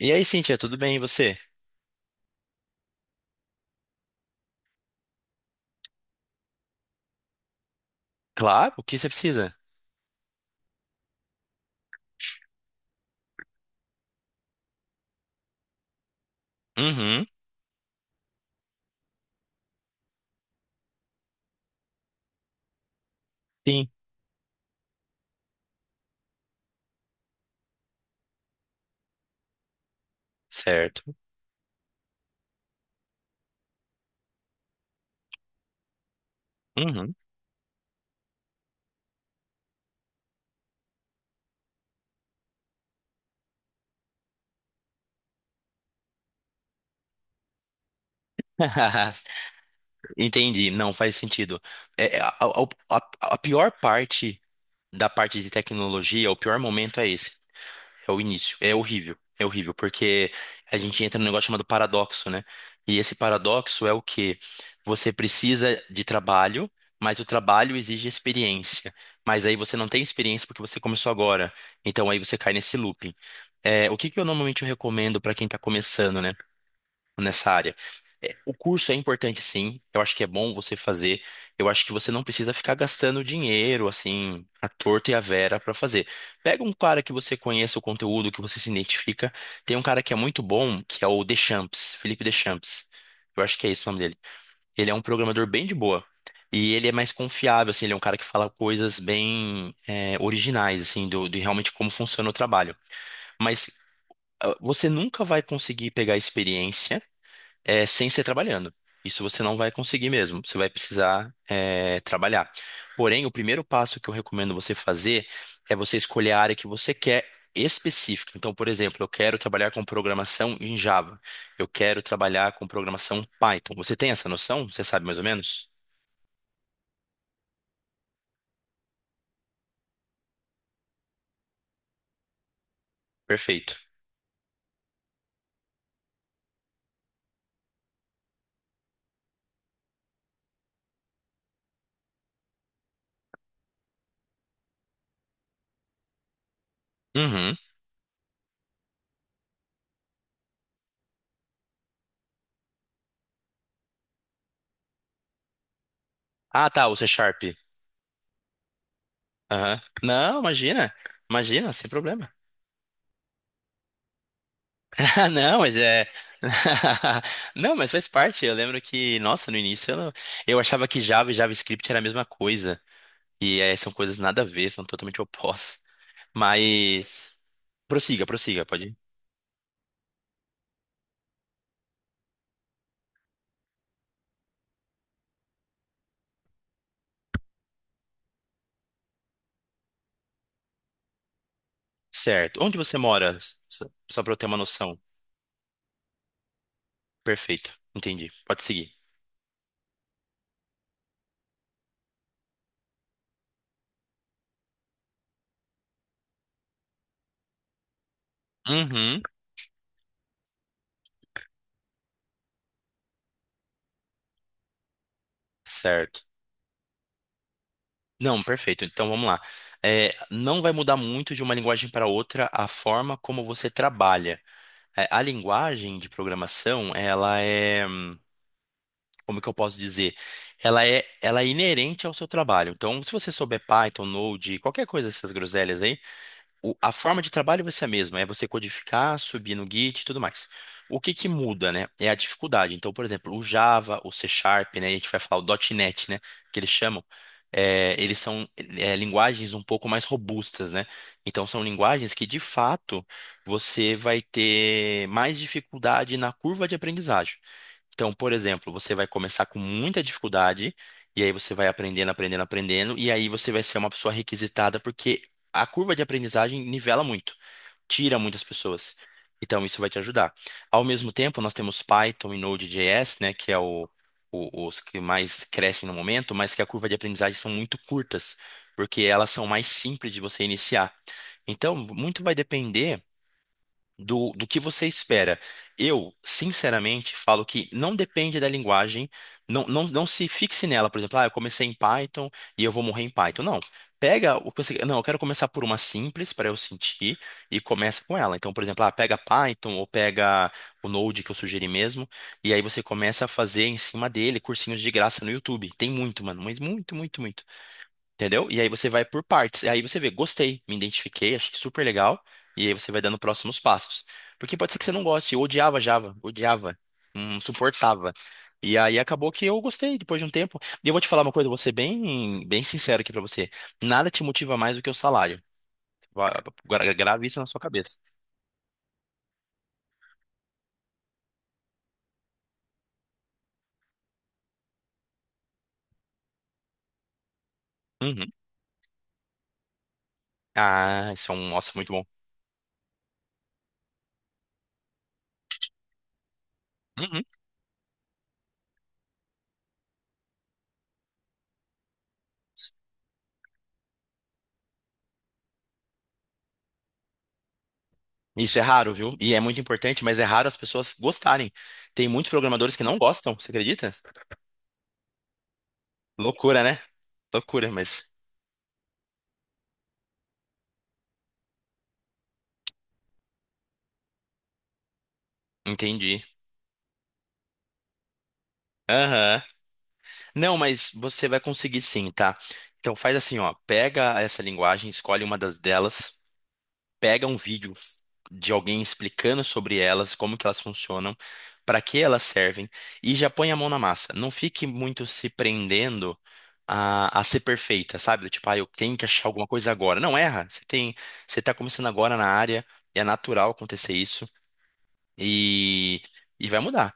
E aí, Cíntia, tudo bem? E você? Claro, o que você precisa? Uhum, sim, certo. Uhum. Entendi, não faz sentido. É, é, a, a- a pior parte da parte de tecnologia, o pior momento é esse. É o início. É horrível. É horrível, porque a gente entra num negócio chamado paradoxo, né? E esse paradoxo é o que você precisa de trabalho, mas o trabalho exige experiência. Mas aí você não tem experiência porque você começou agora. Então aí você cai nesse looping. O que que eu normalmente recomendo para quem está começando, né? Nessa área. O curso é importante, sim. Eu acho que é bom você fazer. Eu acho que você não precisa ficar gastando dinheiro, assim, à torta e à vera para fazer. Pega um cara que você conheça o conteúdo, que você se identifica. Tem um cara que é muito bom, que é o Deschamps, Felipe Deschamps. Eu acho que é esse o nome dele. Ele é um programador bem de boa. E ele é mais confiável, assim, ele é um cara que fala coisas bem originais, assim, de realmente como funciona o trabalho. Mas ah, você nunca vai conseguir pegar a experiência sem ser trabalhando. Isso você não vai conseguir mesmo. Você vai precisar, trabalhar. Porém, o primeiro passo que eu recomendo você fazer é você escolher a área que você quer específica. Então, por exemplo, eu quero trabalhar com programação em Java. Eu quero trabalhar com programação Python. Você tem essa noção? Você sabe mais ou menos? Perfeito. Uhum. Ah, tá, o C Sharp. Aham. Não, imagina. Imagina, sem problema. Ah, não, mas é. Não, mas faz parte. Eu lembro que, nossa, no início eu, não- eu achava que Java e JavaScript era a mesma coisa. E é, são coisas nada a ver, são totalmente opostas. Mas. Prossiga, prossiga, pode ir. Certo. Onde você mora? Só, só pra eu ter uma noção. Perfeito. Entendi. Pode seguir. Uhum. Certo. Não, perfeito. Então vamos lá. É, não vai mudar muito de uma linguagem para outra a forma como você trabalha. É, a linguagem de programação, ela é. Como que eu posso dizer? Ela é inerente ao seu trabalho. Então, se você souber Python, Node, qualquer coisa dessas groselhas aí, a forma de trabalho vai ser a mesma, é você codificar, subir no Git e tudo mais. O que que muda, né? É a dificuldade. Então, por exemplo, o Java, o C Sharp, né? A gente vai falar o .NET, né? Que eles chamam. Eles são linguagens um pouco mais robustas, né? Então, são linguagens que, de fato, você vai ter mais dificuldade na curva de aprendizagem. Então, por exemplo, você vai começar com muita dificuldade, e aí você vai aprendendo, aprendendo, aprendendo, e aí você vai ser uma pessoa requisitada, porque a curva de aprendizagem nivela muito, tira muitas pessoas. Então, isso vai te ajudar. Ao mesmo tempo, nós temos Python e Node.js, né, que é os que mais crescem no momento, mas que a curva de aprendizagem são muito curtas, porque elas são mais simples de você iniciar. Então, muito vai depender do que você espera. Eu, sinceramente, falo que não depende da linguagem, não, não, não se fixe nela, por exemplo, ah, eu comecei em Python e eu vou morrer em Python. Não. Pega o que você. Não, eu quero começar por uma simples para eu sentir e começa com ela. Então, por exemplo, ah, pega Python ou pega o Node que eu sugeri mesmo, e aí você começa a fazer em cima dele cursinhos de graça no YouTube. Tem muito, mano, mas muito, muito, muito. Entendeu? E aí você vai por partes. E aí você vê, gostei, me identifiquei, achei super legal. E aí você vai dando próximos passos. Porque pode ser que você não goste. Eu odiava Java, odiava, não suportava. E aí acabou que eu gostei depois de um tempo. E eu vou te falar uma coisa, vou ser bem, bem sincero aqui pra você. Nada te motiva mais do que o salário. Grave isso na sua cabeça. Uhum. Ah, isso é um, nossa, muito bom. Uhum. Isso é raro, viu? E é muito importante, mas é raro as pessoas gostarem. Tem muitos programadores que não gostam, você acredita? Loucura, né? Loucura, mas entendi. Aham. Não, mas você vai conseguir sim, tá? Então faz assim, ó, pega essa linguagem, escolhe uma das delas, pega um vídeo de alguém explicando sobre elas, como que elas funcionam, para que elas servem e já põe a mão na massa. Não fique muito se prendendo a ser perfeita, sabe? Do tipo, ah, eu tenho que achar alguma coisa agora. Não erra. Você tem, você tá começando agora na área, é natural acontecer isso e e vai mudar.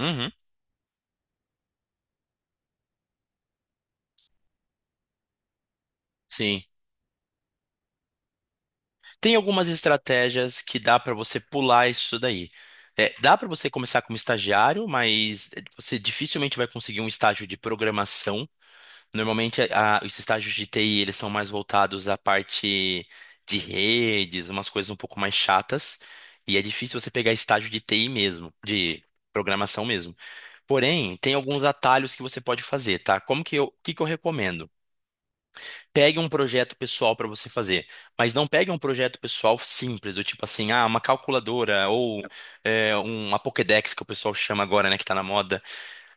Uhum. Sim. Tem algumas estratégias que dá para você pular isso daí. É, dá para você começar como estagiário, mas você dificilmente vai conseguir um estágio de programação. Normalmente, os estágios de TI, eles são mais voltados à parte de redes, umas coisas um pouco mais chatas. E é difícil você pegar estágio de TI mesmo, de programação mesmo. Porém, tem alguns atalhos que você pode fazer, tá? Como que eu, o que que eu recomendo? Pegue um projeto pessoal para você fazer, mas não pegue um projeto pessoal simples, do tipo assim, ah, uma calculadora ou uma Pokédex, que o pessoal chama agora, né, que tá na moda.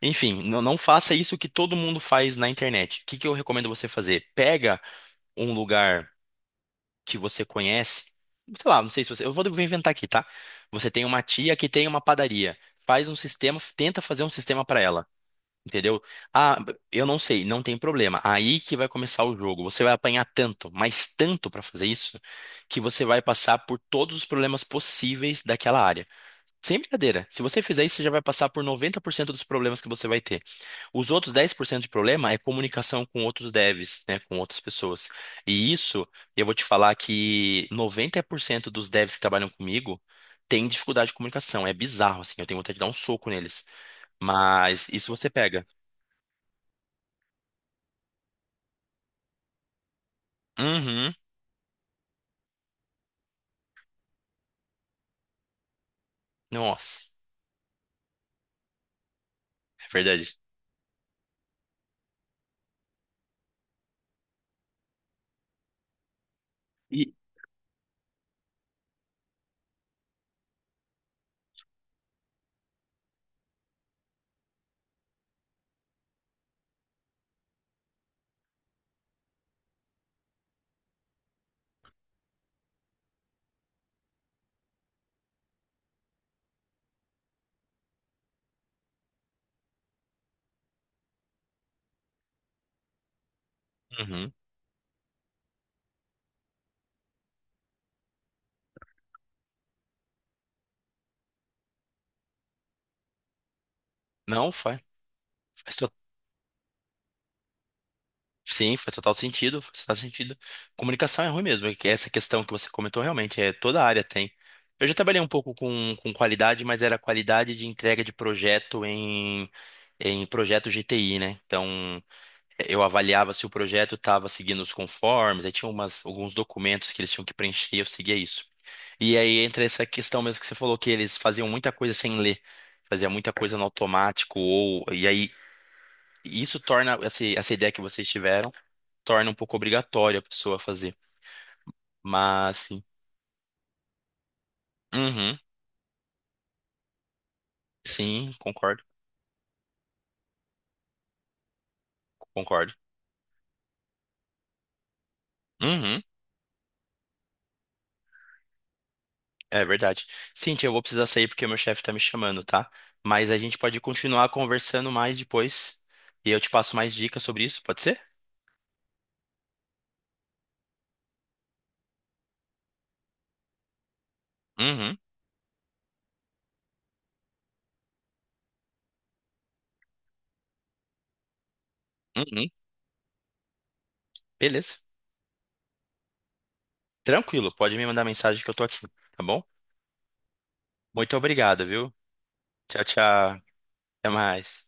Enfim, não, não faça isso que todo mundo faz na internet. O que que eu recomendo você fazer? Pega um lugar que você conhece, sei lá, não sei se você, eu vou inventar aqui, tá? Você tem uma tia que tem uma padaria, faz um sistema, tenta fazer um sistema para ela. Entendeu? Ah, eu não sei, não tem problema. Aí que vai começar o jogo. Você vai apanhar tanto, mas tanto para fazer isso, que você vai passar por todos os problemas possíveis daquela área. Sem brincadeira. Se você fizer isso, você já vai passar por 90% dos problemas que você vai ter. Os outros 10% de problema é comunicação com outros devs, né, com outras pessoas. E isso, eu vou te falar que 90% dos devs que trabalham comigo têm dificuldade de comunicação. É bizarro, assim, eu tenho vontade de dar um soco neles. Mas isso você pega. Uhum. Nossa, é verdade. E uhum. Não, faz to- Sim, faz total sentido, faz total sentido. Comunicação é ruim mesmo, é que essa questão que você comentou realmente é toda a área tem. Eu já trabalhei um pouco com qualidade, mas era qualidade de entrega de projeto em projeto G T I né? Então, eu avaliava se o projeto estava seguindo os conformes, aí tinha umas, alguns documentos que eles tinham que preencher, eu seguia isso. E aí entra essa questão mesmo que você falou, que eles faziam muita coisa sem ler, fazia muita coisa no automático, ou, e aí isso torna, essa ideia que vocês tiveram, torna um pouco obrigatório a pessoa fazer. Mas, sim. Uhum, sim, concordo, concordo. Uhum, é verdade. Cintia, eu vou precisar sair porque meu chefe tá me chamando, tá? Mas a gente pode continuar conversando mais depois, e eu te passo mais dicas sobre isso, pode ser? Uhum, uhum, beleza. Tranquilo, pode me mandar mensagem que eu tô aqui, tá bom? Muito obrigado, viu? Tchau, tchau. Até mais.